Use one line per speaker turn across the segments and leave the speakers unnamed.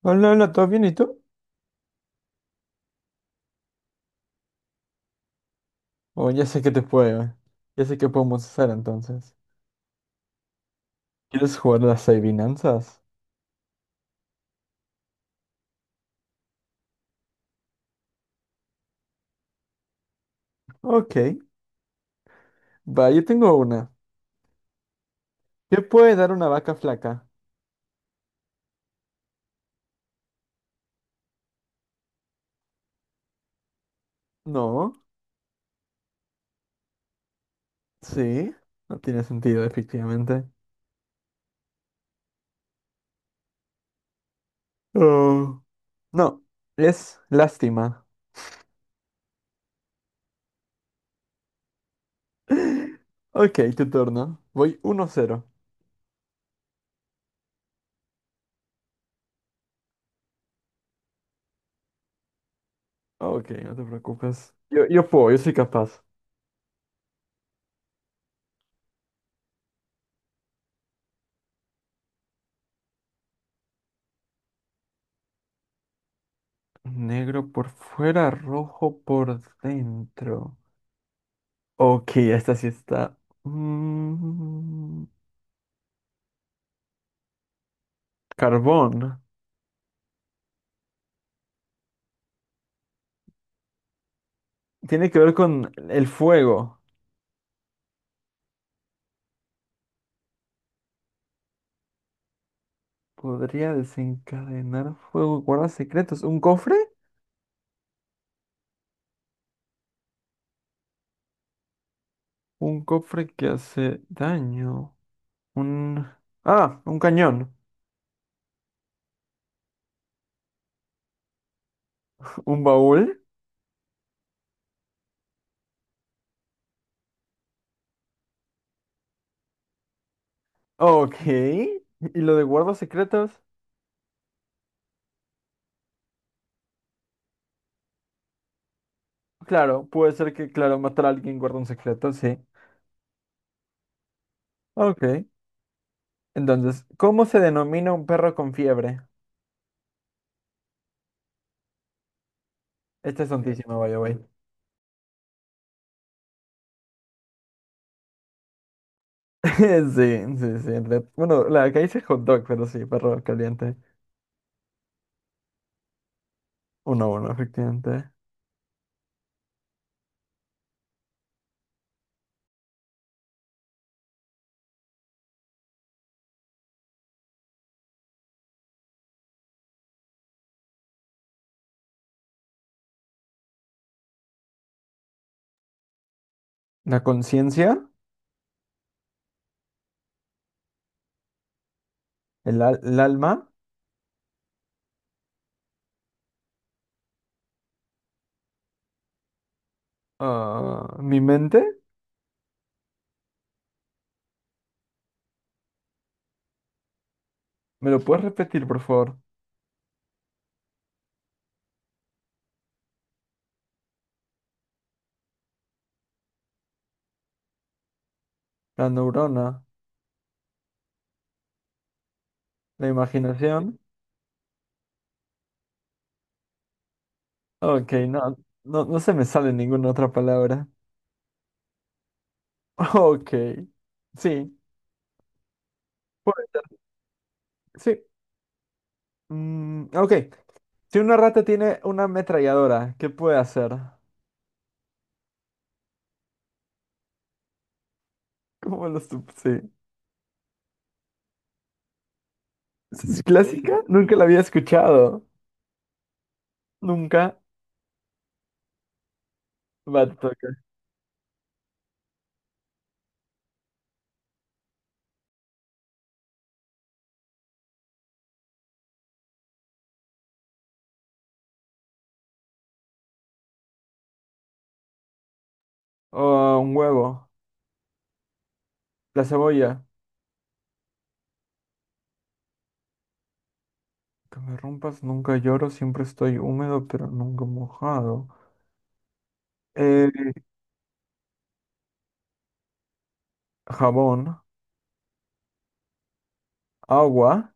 Hola, hola, ¿todo bien y tú? Oh, ya sé que te puedo. Ya sé qué podemos hacer entonces. ¿Quieres jugar las adivinanzas? Ok. Va, yo tengo una. ¿Qué puede dar una vaca flaca? No. Sí. No tiene sentido, efectivamente. Oh. No. Es lástima. Ok, tu turno. Voy 1-0. Ok, no te preocupes. Yo puedo, yo soy capaz. Negro por fuera, rojo por dentro. Ok, esta sí está. Mm, carbón. Tiene que ver con el fuego. Podría desencadenar fuego. Guarda secretos. ¿Un cofre? Un cofre que hace daño. Un... Ah, un cañón. ¿Un baúl? Ok. ¿Y lo de guarda secretos? Claro, puede ser que, claro, matar a alguien guarda un secreto, sí. Ok. Entonces, ¿cómo se denomina un perro con fiebre? Esta es tontísima, by the way. Sí, sí, sí. Bueno, la que hice hot dog, pero sí, perro caliente. 1-1, efectivamente. La conciencia, el, el alma, ah, mi mente. ¿Me lo puedes repetir, por favor? La neurona, la imaginación. Ok, no, no, no se me sale ninguna otra palabra. Ok, sí, puede ser. Sí. Mm, ok, si una rata tiene una ametralladora, ¿qué puede hacer? ¿Cómo lo sup- Sí. ¿Es clásica? Nunca la había escuchado. Nunca va a tocar. Oh, un huevo. La cebolla. Que me rompas, nunca lloro, siempre estoy húmedo, pero nunca mojado. Eh, jabón. Agua.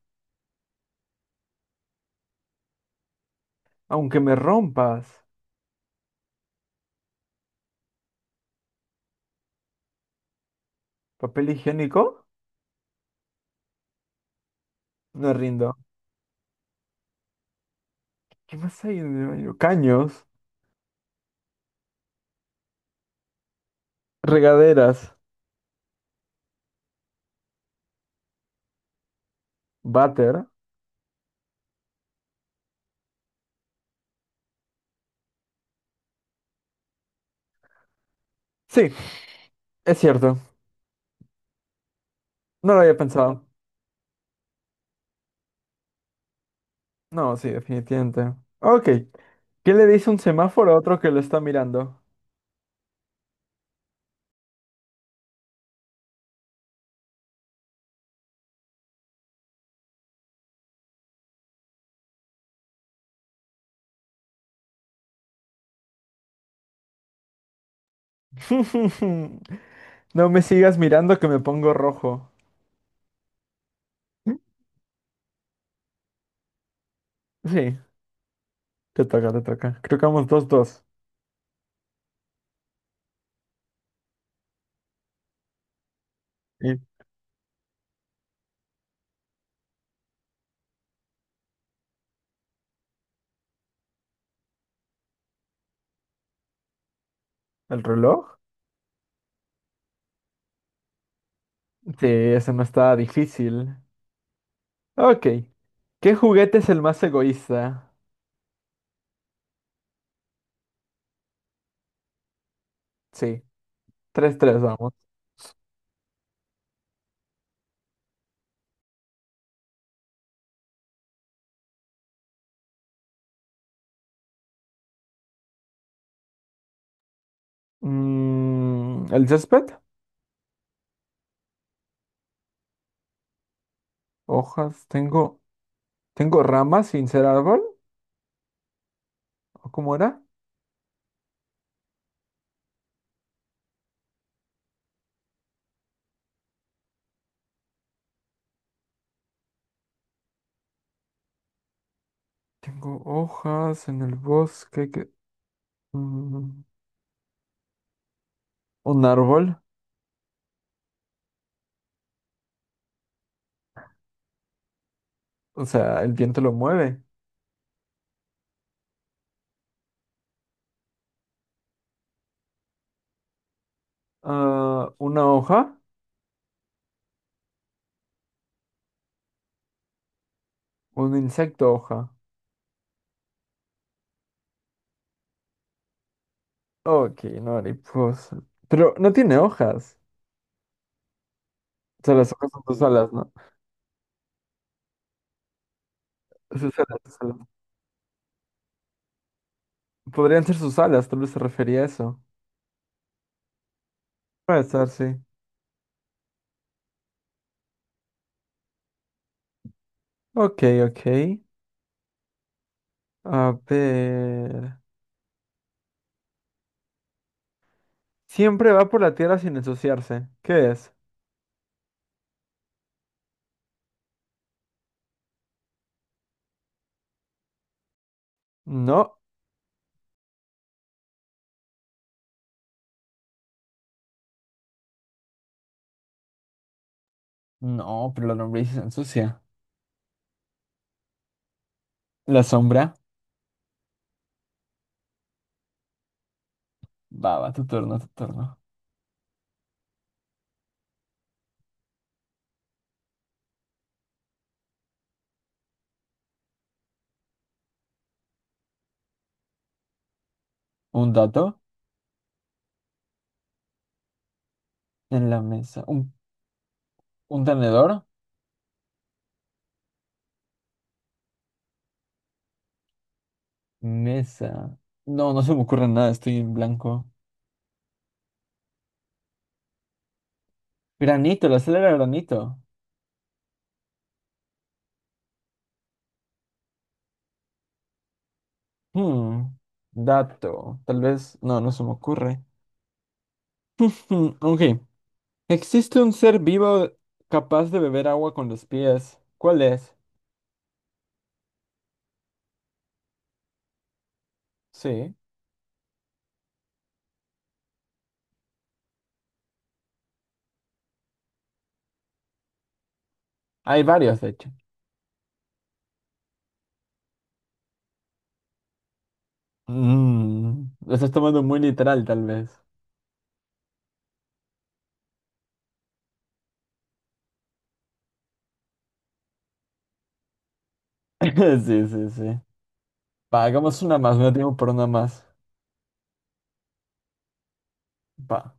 Aunque me rompas. Papel higiénico. No rindo. ¿Qué más hay en el baño? Caños. Regaderas. Váter. Sí, es cierto. No lo había pensado. No, sí, definitivamente. Ok. ¿Qué le dice un semáforo a otro que lo está mirando? No me sigas mirando que me pongo rojo. Sí, te toca, te toca. Creo que vamos 2-2. ¿Y el reloj? Sí, ese no está difícil. Ok. ¿Qué juguete es el más egoísta? Sí, 3-3 vamos. Mm, ¿el césped? Hojas, tengo, tengo ramas sin ser árbol, ¿o cómo era? Tengo hojas en el bosque que... mm, un árbol, o sea, el viento lo mueve. Ah, una hoja, un insecto hoja. Ok, no, mariposa. Pero no tiene hojas. O sea, las hojas son sus alas, ¿no? Sus alas, sus alas. Podrían ser sus alas, tal vez se refería a eso. Puede ser, sí. Ok, ok. A ver. Siempre va por la tierra sin ensuciarse. ¿Qué es? No. No, pero la lombriz se ensucia. La sombra. Va, va, tu turno, tu turno. Un dato en la mesa. Un tenedor. Mesa. No, no se me ocurre nada, estoy en blanco. Granito, la sal era granito. Hmm, dato, tal vez, no, no se me ocurre. Hmm, ok, existe un ser vivo capaz de beber agua con los pies. ¿Cuál es? Sí, hay varios, de hecho. Mm, lo estás tomando muy literal, tal vez. Sí, sí, sí. Va, hagamos una más, no tengo por una más. Va.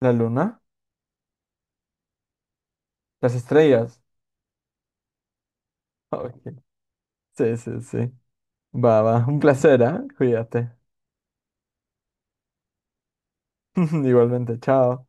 ¿La luna? ¿Las estrellas? Ok. Sí, sí, sí. Va, va, un placer, ¿eh? Cuídate. Igualmente, chao.